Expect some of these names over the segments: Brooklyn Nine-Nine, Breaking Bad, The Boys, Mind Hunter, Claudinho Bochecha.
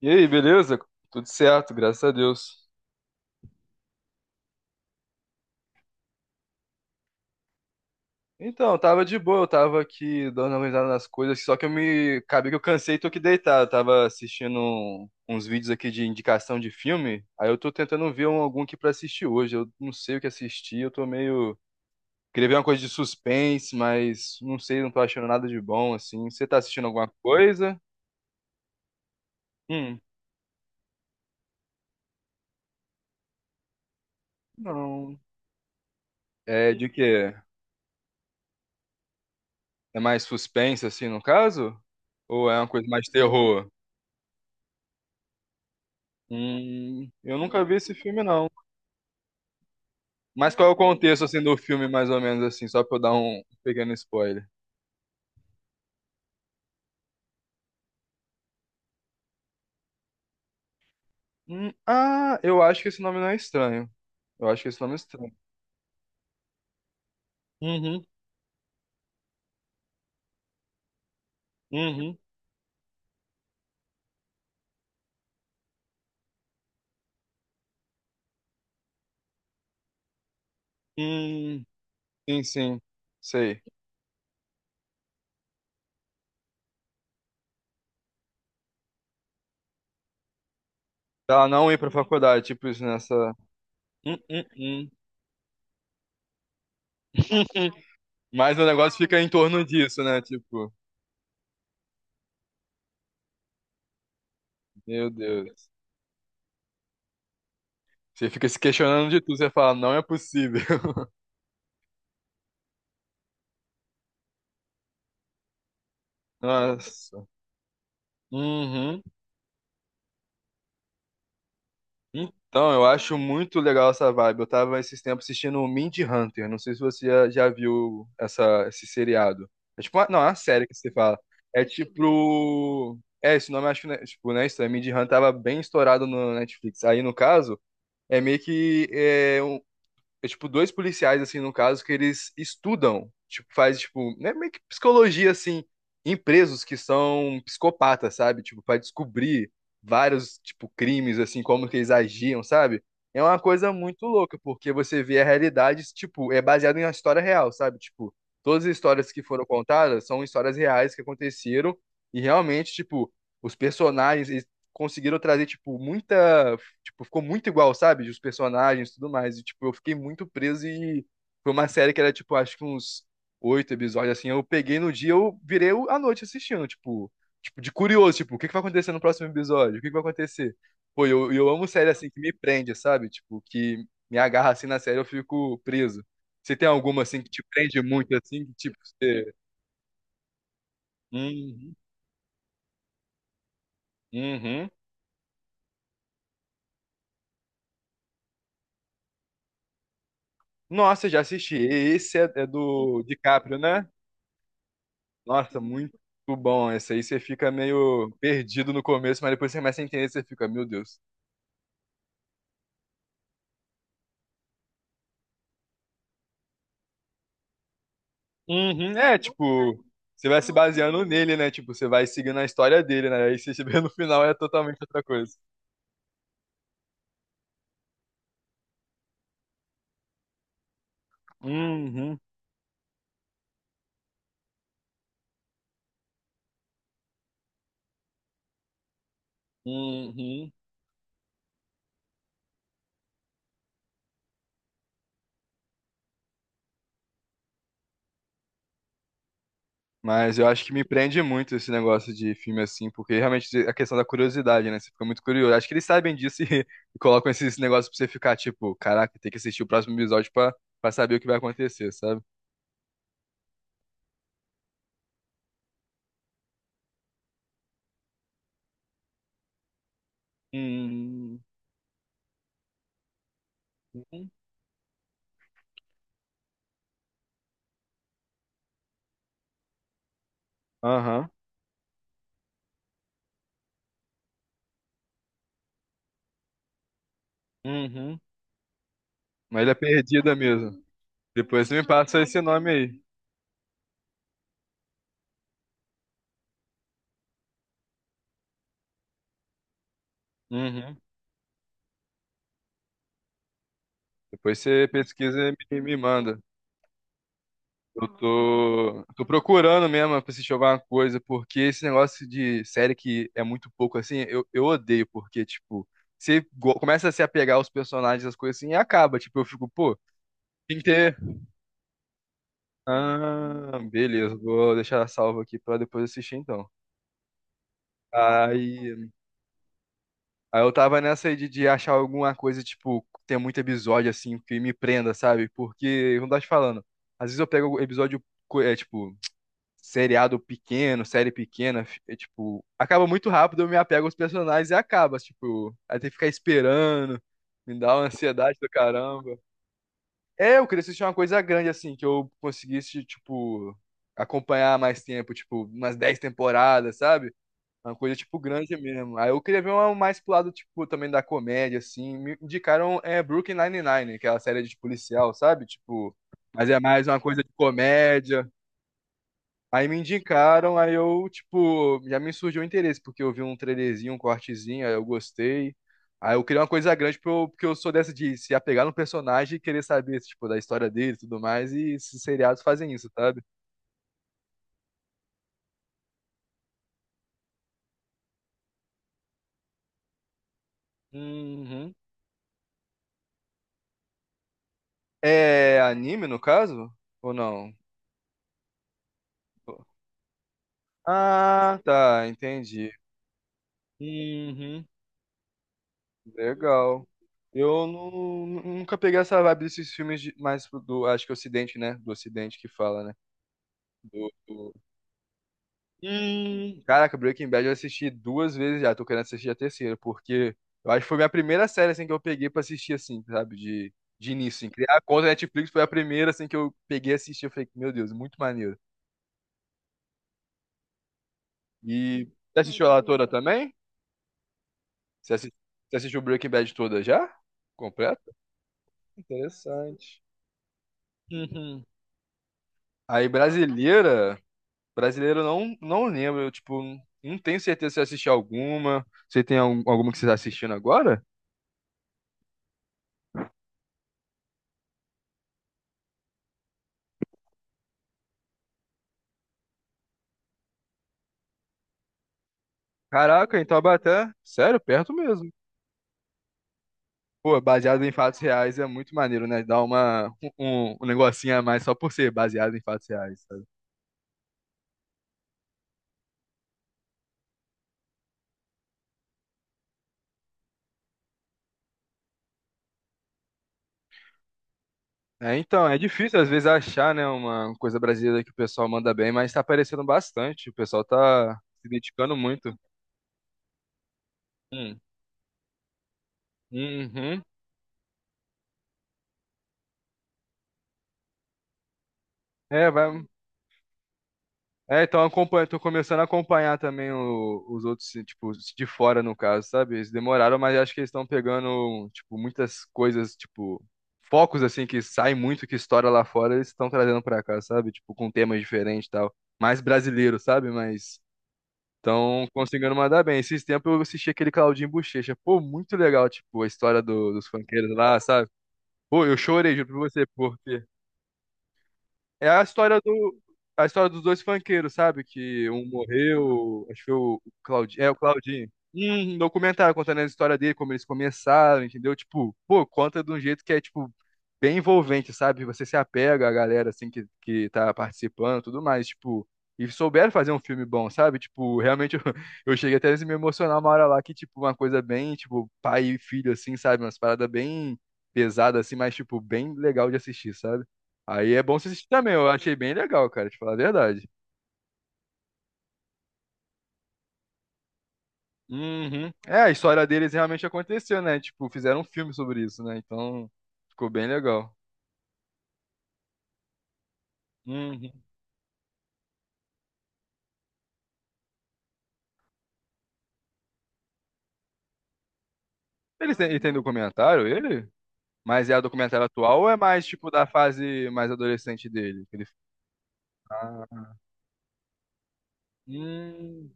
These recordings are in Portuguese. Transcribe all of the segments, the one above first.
E aí, beleza? Tudo certo, graças a Deus. Então, tava de boa, eu tava aqui dando uma risada nas coisas, só que eu me. Acabei que eu cansei e tô aqui deitado. Eu tava assistindo uns vídeos aqui de indicação de filme, aí eu tô tentando ver algum aqui pra assistir hoje. Eu não sei o que assistir, eu tô meio. Queria ver uma coisa de suspense, mas não sei, não tô achando nada de bom, assim. Você tá assistindo alguma coisa? Hum, não. É de quê? É mais suspense, assim, no caso? Ou é uma coisa mais terror? Eu nunca vi esse filme, não. Mas qual é o contexto, assim, do filme, mais ou menos, assim, só pra eu dar um pequeno spoiler? Ah, eu acho que esse nome não é estranho. Eu acho que esse nome é estranho. Uhum, uhum, hum, sim, sim, sei. Pra Ela não ir pra faculdade, tipo isso, nessa. Hum, hum, hum. Mas o negócio fica em torno disso, né? Tipo, meu Deus. Você fica se questionando de tudo, você fala, não é possível. Nossa. Uhum. Então, eu acho muito legal essa vibe. Eu tava esses tempos assistindo o Mind Hunter. Não sei se você já, já viu essa, esse seriado. É tipo, uma, não, é uma série que você fala. É tipo. É, esse nome eu acho que, né, tipo, né, isso, é, Mind Hunter tava bem estourado no Netflix. Aí, no caso, é meio que é, é tipo dois policiais assim no caso que eles estudam, tipo faz tipo, né, meio que psicologia assim em presos que são psicopatas, sabe? Tipo, para descobrir vários tipo crimes assim, como que eles agiam, sabe? É uma coisa muito louca, porque você vê a realidade, tipo, é baseado em uma história real, sabe? Tipo, todas as histórias que foram contadas são histórias reais que aconteceram e realmente, tipo, os personagens eles conseguiram trazer tipo muita. Tipo, ficou muito igual, sabe? Os personagens e tudo mais. E, tipo, eu fiquei muito preso e foi uma série que era, tipo, acho que uns oito episódios, assim. Eu peguei no dia, eu virei à noite assistindo, tipo, tipo, de curioso, tipo, o que que vai acontecer no próximo episódio? O que que vai acontecer? Pô, eu amo série assim que me prende, sabe? Tipo, que me agarra assim na série, eu fico preso. Você tem alguma assim que te prende muito, assim, que tipo, você. Uhum. Uhum. Nossa, já assisti. Esse é, é do DiCaprio, né? Nossa, muito bom. Esse aí você fica meio perdido no começo, mas depois você começa a entender, você fica, meu Deus. Uhum, é, tipo, você vai se baseando nele, né? Tipo, você vai seguindo a história dele, né? Aí você se vê no final é totalmente outra coisa. Uhum, uhum. Mas eu acho que me prende muito esse negócio de filme assim, porque realmente a questão da curiosidade, né? Você fica muito curioso. Acho que eles sabem disso e, e colocam esses negócios pra você ficar, tipo, caraca, tem que assistir o próximo episódio pra, pra saber o que vai acontecer, sabe? Uhum. Aham. Uhum. Mas ele é perdida mesmo. Depois você me passa esse nome aí. Uhum. Depois você pesquisa e me manda. Eu tô, tô procurando mesmo pra assistir alguma coisa, porque esse negócio de série que é muito pouco assim, eu odeio, porque, tipo, você começa a se apegar aos personagens, as coisas assim, e acaba. Tipo, eu fico, pô, tem que ter. Ah, beleza, vou deixar salvo aqui pra depois assistir então. Aí. Aí eu tava nessa aí de achar alguma coisa, tipo, tem muito episódio, assim, que me prenda, sabe? Porque, como eu tava te falando, às vezes eu pego episódio, é, tipo, seriado pequeno, série pequena, é, tipo, acaba muito rápido, eu me apego aos personagens e acaba, tipo, aí tem que ficar esperando, me dá uma ansiedade do caramba. É, eu queria assistir uma coisa grande, assim, que eu conseguisse, tipo, acompanhar mais tempo, tipo, umas 10 temporadas, sabe? Uma coisa, tipo, grande mesmo. Aí eu queria ver uma mais pro lado, tipo, também da comédia, assim. Me indicaram é, Brooklyn Nine-Nine, aquela série de policial, sabe? Tipo, mas é mais uma coisa de comédia. Aí me indicaram, aí eu, tipo, já me surgiu o interesse, porque eu vi um trailerzinho, um cortezinho, aí eu gostei. Aí eu queria uma coisa grande, porque eu sou dessa de se apegar no personagem e querer saber, tipo, da história dele e tudo mais, e esses seriados fazem isso, sabe? Uhum. É anime, no caso? Ou não? Ah, tá, entendi. Uhum, legal. Eu nunca peguei essa vibe desses filmes mais do, acho que Ocidente, né? Do Ocidente que fala, né? Do, do... Caraca, Breaking Bad eu assisti duas vezes já, tô querendo assistir a terceira, porque eu acho que foi a minha primeira série, assim, que eu peguei pra assistir, assim, sabe? De início, assim. Criar a conta Netflix foi a primeira, assim, que eu peguei e assisti, eu falei, meu Deus, muito maneiro. E você assistiu ela toda também? Você assi- você assistiu Breaking Bad toda já? Completo? Interessante. Uhum. Aí, brasileira, brasileira eu não, não lembro, eu, tipo, não tenho certeza se eu assisti alguma. Você tem alguma que você tá assistindo agora? Caraca, então Taubaté, sério, perto mesmo. Pô, baseado em fatos reais é muito maneiro, né? Dá uma, um, um um negocinho a mais só por ser baseado em fatos reais, sabe? É, então, é difícil às vezes achar, né, uma coisa brasileira que o pessoal manda bem, mas tá aparecendo bastante. O pessoal tá se dedicando muito. Hum. Uhum. É, vai. É, então eu acompanho, tô começando a acompanhar também os outros, tipo, os de fora no caso, sabe? Eles demoraram, mas acho que eles estão pegando, tipo, muitas coisas, tipo, focos assim que saem muito, que estoura lá fora, eles estão trazendo pra cá, sabe? Tipo, com temas diferentes e tal. Mais brasileiro, sabe? Mas estão conseguindo mandar bem. Esses tempos eu assisti aquele Claudinho Bochecha. Pô, muito legal, tipo, a história dos funkeiros lá, sabe? Pô, eu chorei, juro pra você, porque é a história do a história dos dois funkeiros, sabe? Que um morreu, acho que foi o Claudinho, é o Claudinho. Um documentário contando a história dele, como eles começaram, entendeu? Tipo, pô, conta de um jeito que é tipo bem envolvente, sabe? Você se apega à galera, assim, que tá participando, e tudo mais, tipo. E souberam fazer um filme bom, sabe? Tipo, realmente eu, eu cheguei até a me emocionar uma hora lá que, tipo, uma coisa bem, tipo, pai e filho, assim, sabe? Umas paradas bem pesadas, assim, mas, tipo, bem legal de assistir, sabe? Aí é bom você assistir também, eu achei bem legal, cara, te falar a verdade. Uhum. É, a história deles realmente aconteceu, né? Tipo, fizeram um filme sobre isso, né? Então, ficou bem legal. Uhum. Ele tem documentário, ele? Mas é o documentário atual ou é mais tipo da fase mais adolescente dele? Que ele. Ah, hum.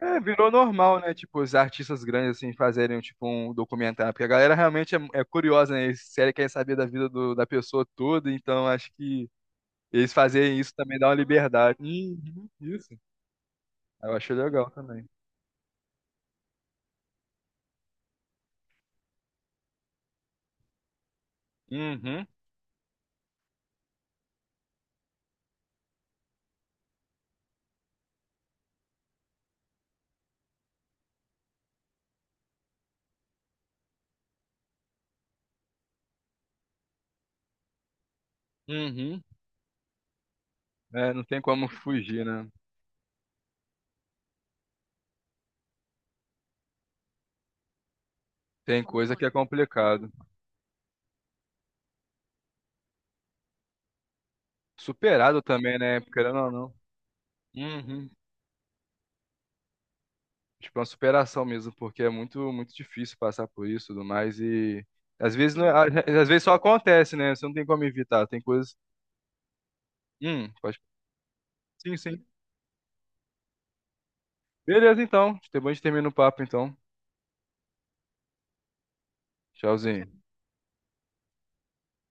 É, virou normal, né? Tipo, os artistas grandes assim fazerem tipo um documentário, porque a galera realmente é, é curiosa, né? Eles sério querem saber da vida da pessoa toda, então acho que eles fazerem isso também dá uma liberdade. Uhum, isso. Eu achei legal também. Uhum, uhum. É, não tem como fugir, né? Tem coisa que é complicado. Superado também, né? Querendo ou não. Uhum. Tipo, é uma superação mesmo, porque é muito, muito difícil passar por isso e tudo mais. E às vezes, não, às às vezes só acontece, né? Você não tem como evitar. Tem coisas. Pode. Sim, sim. Beleza, então. Depois a gente termina o papo, então. Tchauzinho.